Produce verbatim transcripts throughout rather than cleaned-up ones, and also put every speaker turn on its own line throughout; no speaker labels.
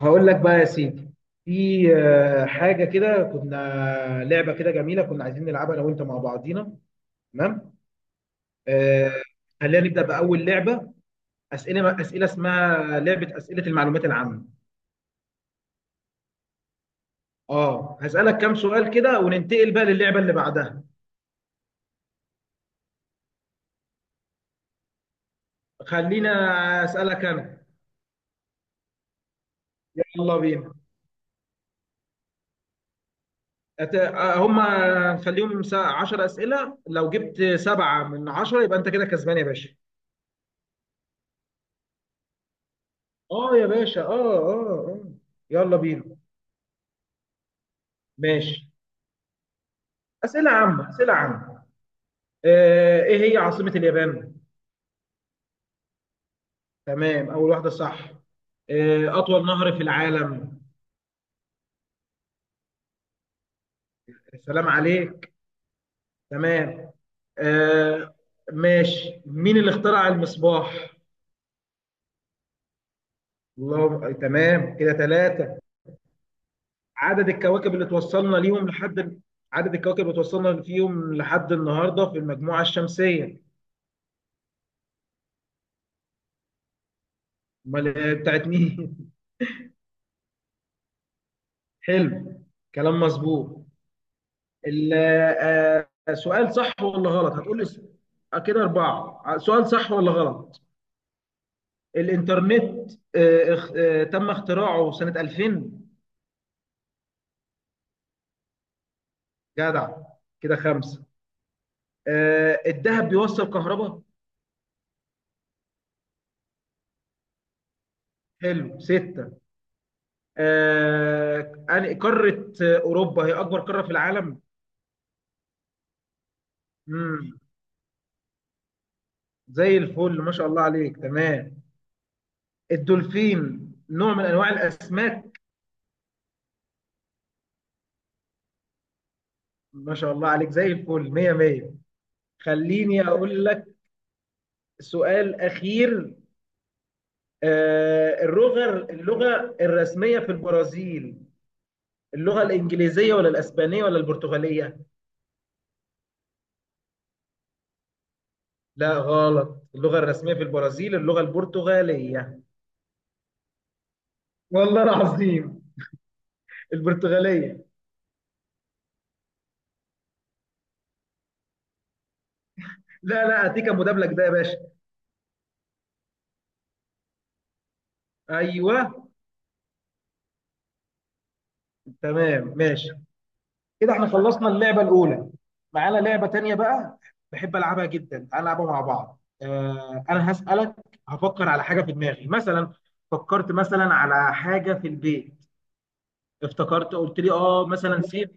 هقول لك بقى يا سيدي. في آه، حاجه كده، كنا لعبه كده جميله كنا عايزين نلعبها انا وانت مع بعضينا. تمام. آه، خلينا نبدا باول لعبه. اسئله اسئله اسمها لعبه اسئله المعلومات العامه. اه هسالك كام سؤال كده، وننتقل بقى للعبه اللي بعدها. خلينا اسالك انا. يلا بينا. أت- آه، هم خليهم عشرة اسئله. لو جبت سبعه من 10 يبقى انت كده كسبان يا باشا. اه يا باشا، اه اه اه. يلا بينا. ماشي. اسئله عامه اسئله عامه. آه، ايه هي عاصمه اليابان؟ تمام، اول واحده صح. آه، اطول نهر في العالم؟ سلام عليك. تمام. آه، ماشي مين اللي اخترع المصباح؟ الله، تمام كده ثلاثه. عدد الكواكب اللي توصلنا ليهم لحد، عدد الكواكب اللي توصلنا فيهم لحد النهارده في المجموعه الشمسيه. امال آه، بتاعت مين حلو، كلام مظبوط. ال- آه، سؤال صح ولا غلط، هتقول لي س- آه، كده أربعة. آه، سؤال صح ولا غلط. الإنترنت آه، اخ- آه، تم اختراعه سنة ألفين. جدع، كده خمسة. آه، الذهب بيوصل كهرباء؟ حلو، ستة. آه، أنا- قارة آه، أوروبا هي أكبر قارة في العالم؟ مم. زي الفل ما شاء الله عليك، تمام. الدولفين نوع من أنواع الأسماك؟ ما شاء الله عليك زي الفل، مية مية. خليني أقول سؤال اخير. آه، اللغه اللغه الرسميه في البرازيل، اللغه الانجليزيه ولا الاسبانيه ولا البرتغاليه؟ لا غلط، اللغه الرسميه في البرازيل اللغه البرتغاليه. والله العظيم البرتغاليه. لا لا، هديك المدبلج ده يا باشا. ايوه. تمام ماشي. كده احنا خلصنا اللعبه الاولى. معانا لعبه تانية بقى، بحب العبها جدا، تعال نلعبها مع بعض. آه انا هسالك، هفكر على حاجه في دماغي مثلا، فكرت مثلا على حاجه في البيت، افتكرت قلت لي اه مثلا سيف.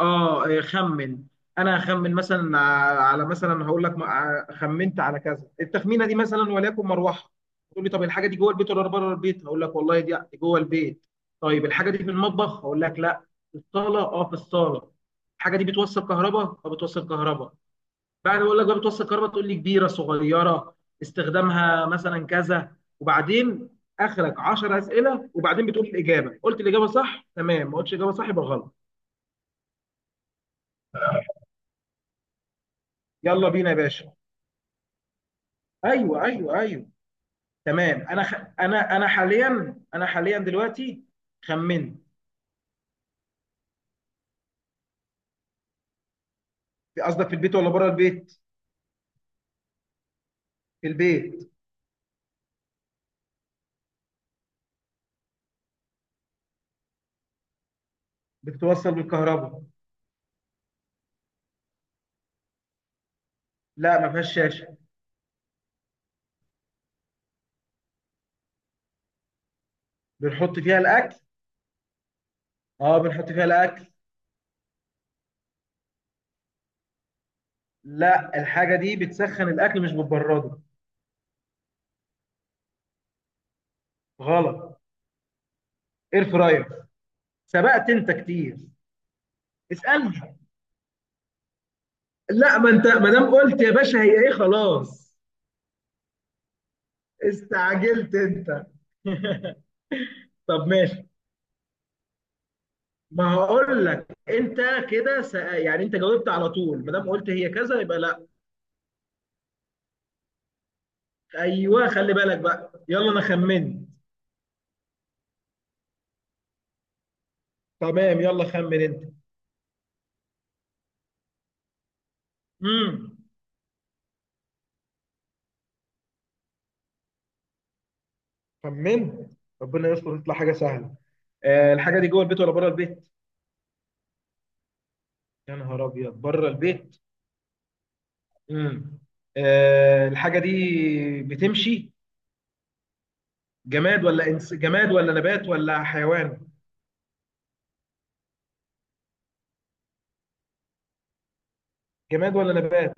اه إيه، خمن. انا هخمن مثلا ع- على، مثلا هقول لك ما- ع- خمنت على كذا، التخمينه دي مثلا وليكن مروحه. تقول لي طب الحاجه دي جوه البيت ولا بره البيت، هقول لك والله دي دي جوه البيت. طيب الحاجه دي في المطبخ، هقول لك لا، في الصاله. اه، في الصاله. الحاجه دي بتوصل كهرباء، اه بتوصل كهرباء. بعد ما اقول لك بقى بتوصل كهرباء، تقول لي كبيره صغيره، استخدامها مثلا كذا، وبعدين اخرك عشرة اسئله وبعدين بتقول الاجابه. قلت الاجابه صح تمام، ما قلتش الاجابه صح يبقى غلط. يلا بينا يا باشا. ايوه ايوه ايوه. تمام، انا خ... انا انا حاليا انا حاليا دلوقتي خمنت. في- قصدك في البيت ولا بره البيت؟ في البيت. بتتوصل بالكهرباء. لا ما فيهاش شاشه. بنحط فيها الاكل. اه بنحط فيها الاكل. لا الحاجه دي بتسخن الاكل مش بتبرده. غلط، اير فراير. سبقت انت كتير، اسالني. لا ما انت ما دام قلت يا باشا هي ايه خلاص، استعجلت انت. طب ماشي، ما هقول لك انت. كده سأ... يعني انت جاوبت على طول، ما دام قلت هي كذا يبقى لا. ايوه، خلي بالك بقى، يلا انا خمنت. تمام، يلا خمن انت. امم. خمنت. ربنا يستر تطلع حاجه سهله. آه الحاجه دي جوه البيت ولا بره البيت؟ يا نهار ابيض بره البيت. امم. آه الحاجه دي بتمشي، جماد ولا انس جماد ولا نبات ولا حيوان؟ جماد ولا نبات؟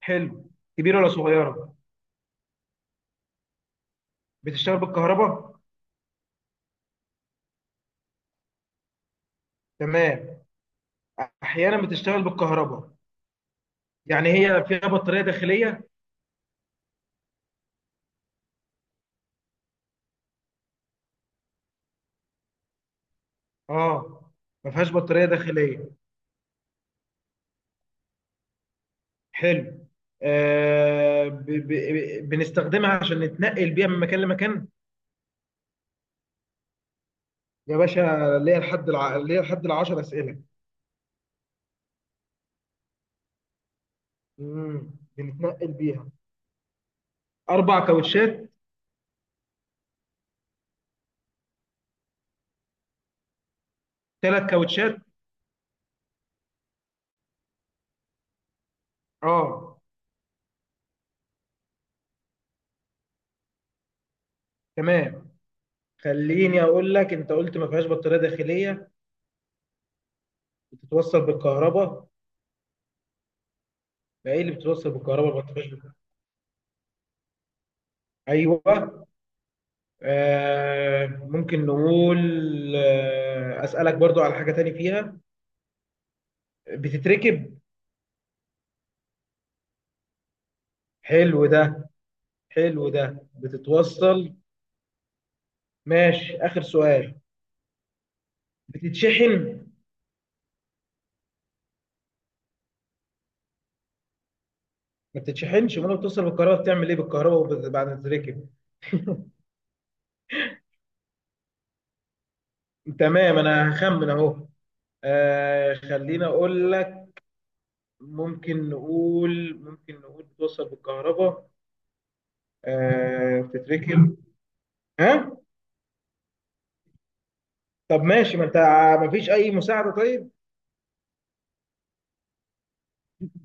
حلو. كبيره ولا صغيره؟ بتشتغل بالكهرباء؟ تمام، احيانا بتشتغل بالكهرباء. يعني هي فيها بطارية داخلية؟ اه، ما فيهاش بطارية داخلية. حلو. آه ب ب ب- بنستخدمها عشان نتنقل بيها من مكان لمكان؟ يا باشا، ليا لحد الع... ليا لحد العشر أسئلة. امم. بنتنقل بيها. أربع كاوتشات؟ ثلاث كاوتشات؟ اه. تمام، خليني أقول لك، أنت قلت ما فيهاش بطارية داخلية، بتتوصل بالكهرباء، ما إيه اللي بتتوصل بالكهرباء ما فيهاش بطارية؟ أيوه. آه، ممكن نقول، آه، أسألك برضو على حاجة تاني فيها، بتتركب. حلو ده، حلو ده، بتتوصل. ماشي، آخر سؤال، بتتشحن؟ ما بتتشحنش، امال بتوصل بالكهرباء بتعمل ايه بالكهرباء، وبت- بعد ما تتركب؟ تمام، انا هخمن اهو. آه خلينا اقول لك، ممكن نقول، ممكن نقول بتوصل بالكهرباء، آه بتتركب، ها؟ طب ماشي، ما انت آه، ما فيش اي مساعدة. طيب.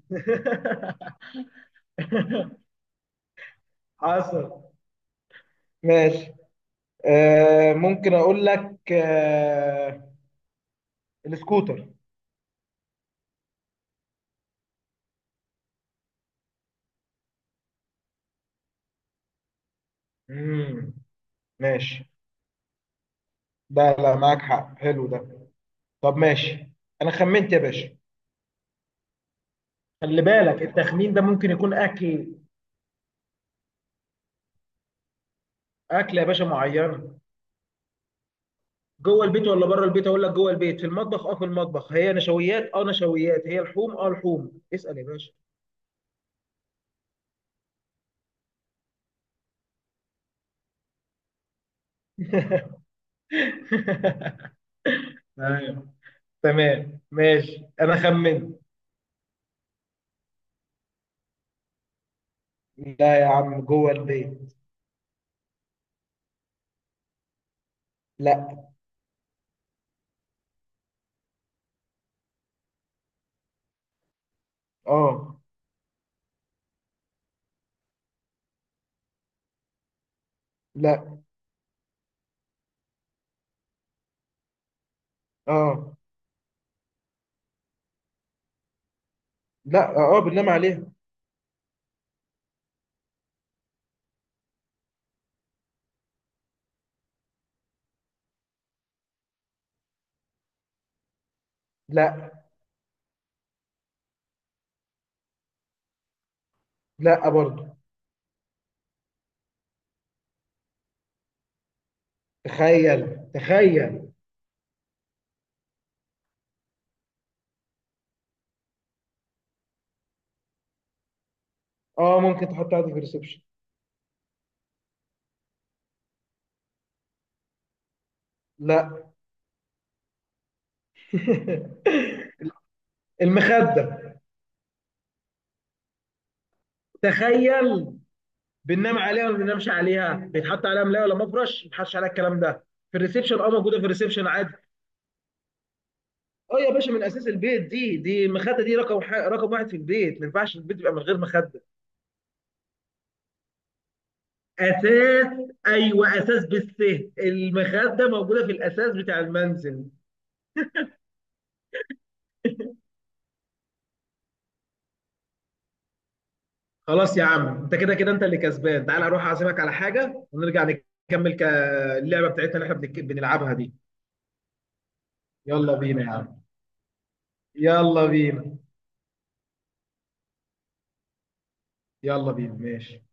حصل. ماشي. آه ممكن اقول لك، آه السكوتر. مم. ماشي. ده لا، معاك حق، حلو ده. طب ماشي. انا خمنت يا باشا. خلي بالك، التخمين ده ممكن يكون اكل. اكل يا باشا معينه. جوه البيت ولا بره البيت، اقول لك جوه البيت. في المطبخ، اه في المطبخ. هي نشويات، اه نشويات. هي لحوم، اه لحوم. اسال يا باشا. ايوه. تمام ماشي، انا خمنت. لا يا عم جوه البيت. لا. اه. لا. اه. لا. اه. آه، بننام عليها. لا. لا آه، برضه. تخيل تخيل. اه، ممكن تحط عادي في الريسبشن. لا. المخدة. تخيل. بننام عليها ولا ما بننامش عليها، بيتحط عليها ملاية ولا مفرش، ما بيتحطش عليها الكلام ده. في الريسبشن، اه موجودة في الريسبشن عادي. اه يا باشا، من اساس البيت، دي دي المخدة، دي رقم ح... رقم واحد في البيت، ما ينفعش البيت يبقى من غير مخدة. اساس. ايوه اساس بالس، المخدة موجودة في الاساس بتاع المنزل. خلاص يا عم، انت كده كده انت اللي كسبان، تعال اروح اعزمك على حاجه ونرجع نكمل ك- اللعبه بتاعتنا اللي احنا بنك- بنلعبها دي. يلا بينا يا عم. يلا بينا. يلا بينا ماشي.